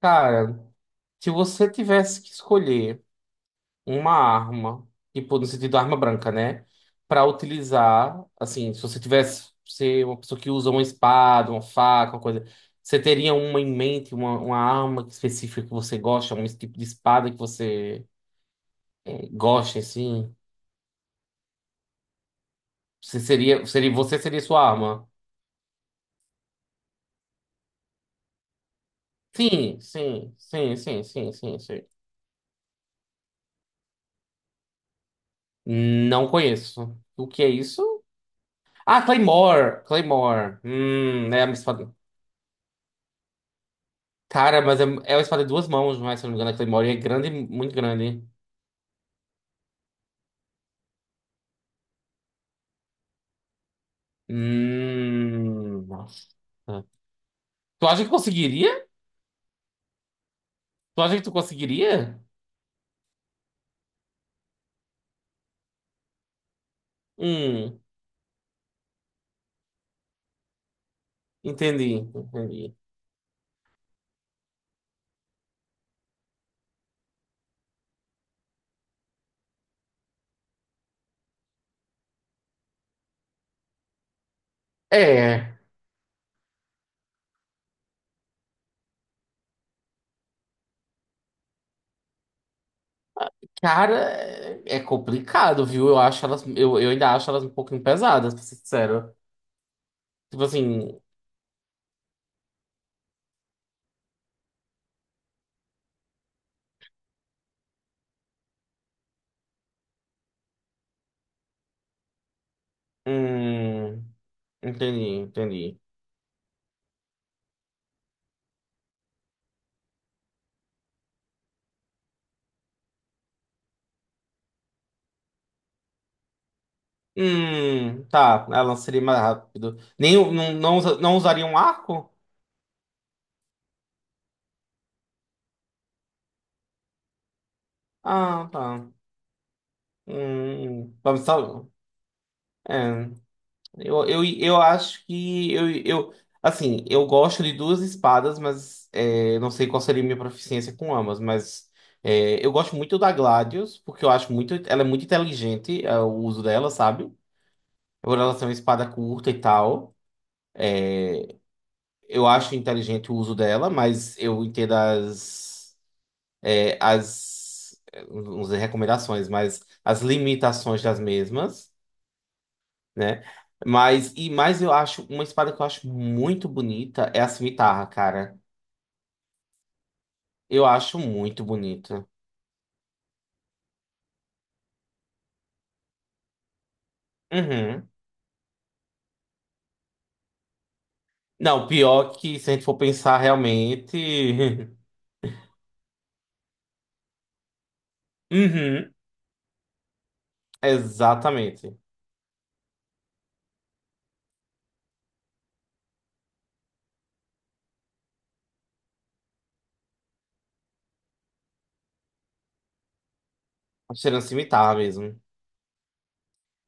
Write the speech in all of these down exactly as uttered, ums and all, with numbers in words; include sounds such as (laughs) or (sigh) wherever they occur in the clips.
Cara, se você tivesse que escolher uma arma, tipo, no sentido arma branca, né? Pra utilizar, assim, se você tivesse ser uma pessoa que usa uma espada, uma faca, uma coisa, você teria uma em mente, uma, uma arma específica que você gosta, um tipo de espada que você eh, gosta, assim? Você seria, seria, você seria sua arma? Sim, sim, sim, sim, sim, sim, sim. Não conheço. O que é isso? Ah, Claymore! Claymore. Hum, é a minha espada. Cara, mas é, é uma espada de duas mãos, não é? Se eu não me engano, a Claymore e é grande, muito grande. Hum, nossa. Tu acha que conseguiria? Tu acha que tu conseguiria? Hum, entendi, entendi. É, cara, é é complicado, viu? Eu acho elas, eu, eu ainda acho elas um pouquinho pesadas, pra ser sincero. Tipo assim, hum, entendi, entendi. Hum, tá, ela seria mais rápido. Nem, não, não, usa- não usaria um arco? Ah, tá. Hum, vamos só. É, eu, eu, eu acho que eu, eu assim, eu gosto de duas espadas, mas é, não sei qual seria a minha proficiência com ambas, mas é, eu gosto muito da Gladius, porque eu acho muito, ela é muito inteligente, é, o uso dela, sabe? Por ela ser uma espada curta e tal. Eu acho inteligente o uso dela, mas eu entendo as, é, as, não sei, recomendações, mas as limitações das mesmas, né? Mas, e mais eu acho, uma espada que eu acho muito bonita é a cimitarra, cara. Eu acho muito bonita. Uhum. Não, pior que se a gente for pensar realmente. (laughs) Uhum, exatamente. Tá cheirando cimitarra mesmo.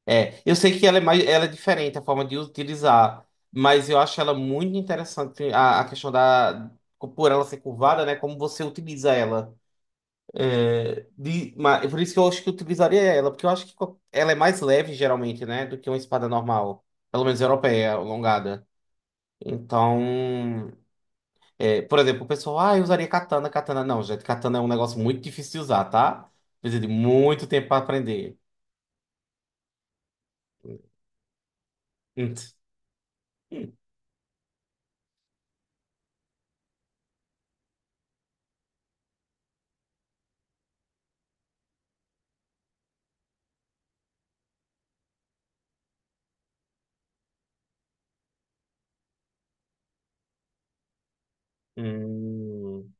É, eu sei que ela é mais, ela é diferente a forma de utilizar, mas eu acho ela muito interessante a, a questão da, por ela ser curvada, né? Como você utiliza ela. É, de- ma- é por isso que eu acho que eu utilizaria ela, porque eu acho que co- ela é mais leve, geralmente, né, do que uma espada normal. Pelo menos europeia, alongada. Então, é, por exemplo, o pessoal, ah, eu usaria katana, katana. Não, gente, katana é um negócio muito difícil de usar, tá? Precisa de muito tempo pra aprender. Hum. Hum,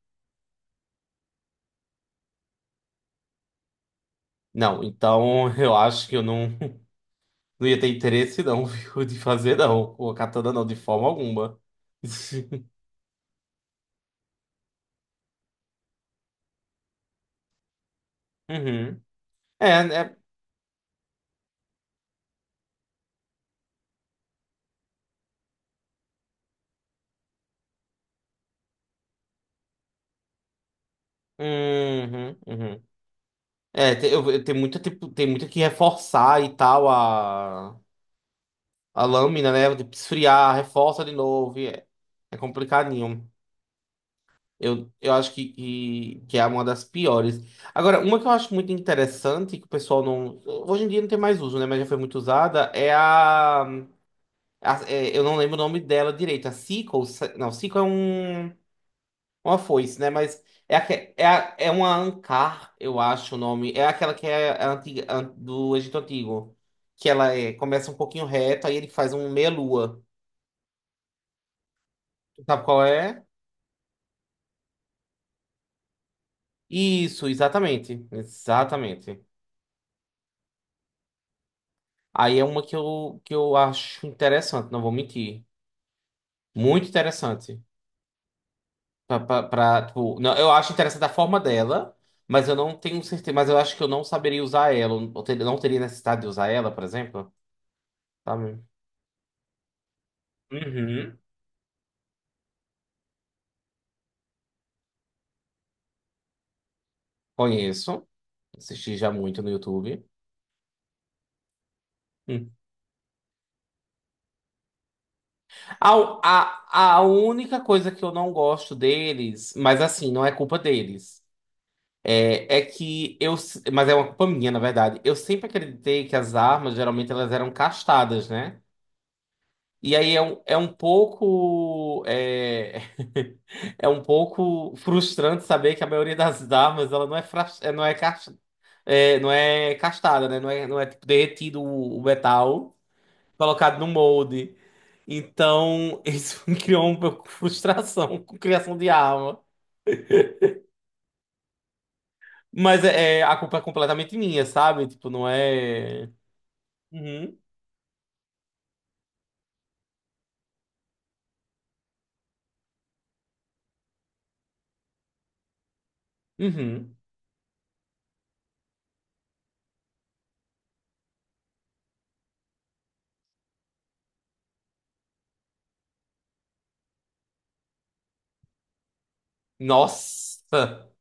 não, então eu acho que eu não, (laughs) não ia ter interesse, não, (laughs) viu, de fazer, não. O katana não, de forma alguma. (laughs) Uhum. É, é. Uhum, uhum. É, tem, eu, eu- tem muita, tipo, tem muita que reforçar e tal a. a lâmina, né? Tipo, esfriar, reforça de novo, e É, é complicadinho. Eu, eu acho que, que, que é uma das piores. Agora, uma que eu acho muito interessante, que o pessoal não. Hoje em dia não tem mais uso, né? Mas já foi muito usada, é a. a- é, eu não lembro o nome dela direito. A sickle. se- Não, sickle é um, uma foice, né? Mas é, aque- é, a- é uma ancar, eu acho o nome. É aquela que é a antiga, a- do Egito Antigo. Que ela é, começa um pouquinho reto, aí ele faz um meia-lua. Sabe qual é? Isso, exatamente. Exatamente. Aí é uma que eu, que eu acho interessante, não vou mentir. Muito interessante. Pra, pra, pra, tipo, não, eu acho interessante a forma dela, mas eu não tenho certeza. Mas eu acho que eu não saberia usar ela. Eu ter- não teria necessidade de usar ela, por exemplo. Sabe? Uhum. Conheço. Assisti já muito no YouTube. Hum. A, a, a única coisa que eu não gosto deles, mas assim, não é culpa deles. É, é que eu. Se- Mas é uma culpa minha, na verdade. Eu sempre acreditei que as armas, geralmente, elas eram castadas, né? E aí é um, é um pouco. É, (laughs) é um pouco frustrante saber que a maioria das armas, ela não é, fras- é, não é, cas- é, não é castada, né? Não é, não é tipo, derretido o o metal, colocado no molde. Então, (laughs) isso me criou um pouco de frustração (laughs) com criação de arma. Mas é, é- a culpa é completamente minha, sabe? Tipo, não é. Uhum. Uhum. Nossa!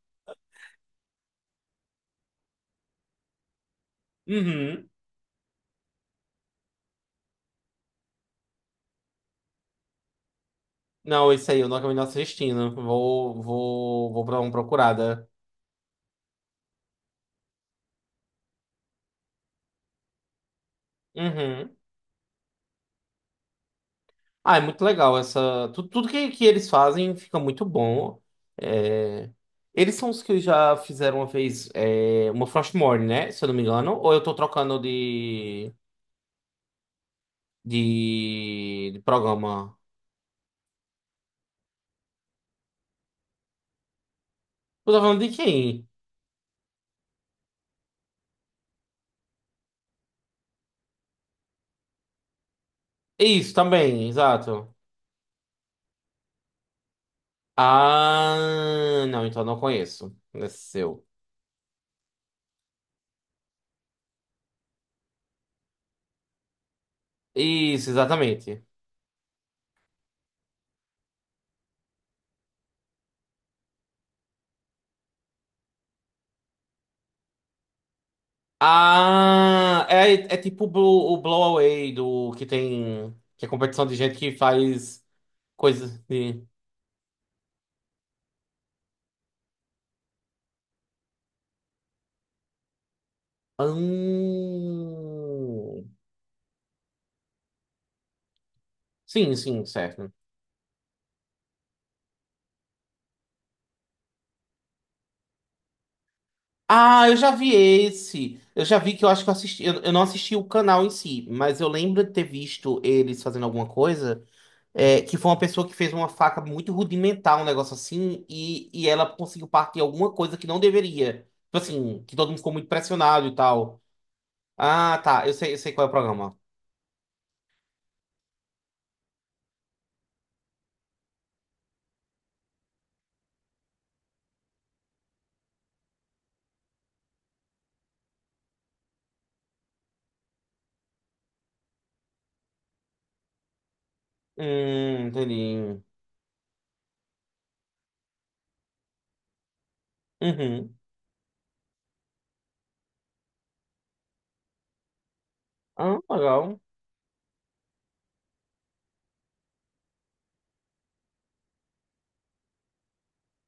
Uhum. Não, isso aí eu não acabei não assistindo. Vou, vou, vou dar uma procurada. Uhum. Ah, é muito legal essa. Tudo, tudo que, que eles fazem fica muito bom. É, eles são os que já fizeram uma vez, é, uma Frostmourne, né? Se eu não me engano. Ou eu tô trocando de, de, de programa? Eu tô falando de quem? Isso, também, exato. Ah, não, então eu não conheço. Esse é seu. Isso, exatamente. Ah, é, é tipo o Blow, o Blow Away do que tem que é competição de gente que faz coisas de. Hum. Sim, sim, certo. Ah, eu já vi esse. Eu já vi que eu acho que eu assisti. Eu, eu não assisti o canal em si, mas eu lembro de ter visto eles fazendo alguma coisa. é, que foi uma pessoa que fez uma faca muito rudimentar, um negócio assim, e, e ela conseguiu partir alguma coisa que não deveria. Tipo assim, que todo mundo ficou muito pressionado e tal. Ah, tá. Eu sei, eu sei qual é o programa. Hum, entendi. Uhum. Ah, legal.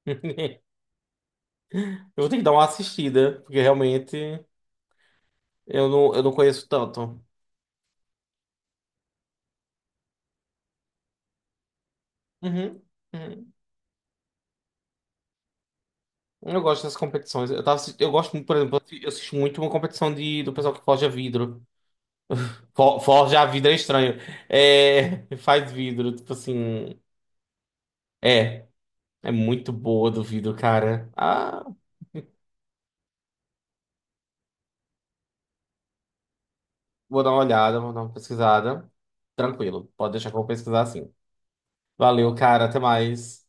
(laughs) Eu vou ter que dar uma assistida, porque realmente eu não, eu não conheço tanto. Uhum. Uhum. Eu gosto das competições. Eu, tava, assi- eu gosto muito, por exemplo, eu assisto muito uma competição de, do pessoal que forja vidro. For, forja vidro é estranho. É, (laughs) faz vidro, tipo assim. É, é muito boa do vidro, cara. Ah, vou dar uma olhada, vou dar uma pesquisada. Tranquilo, pode deixar que eu vou pesquisar assim. Valeu, cara. Até mais.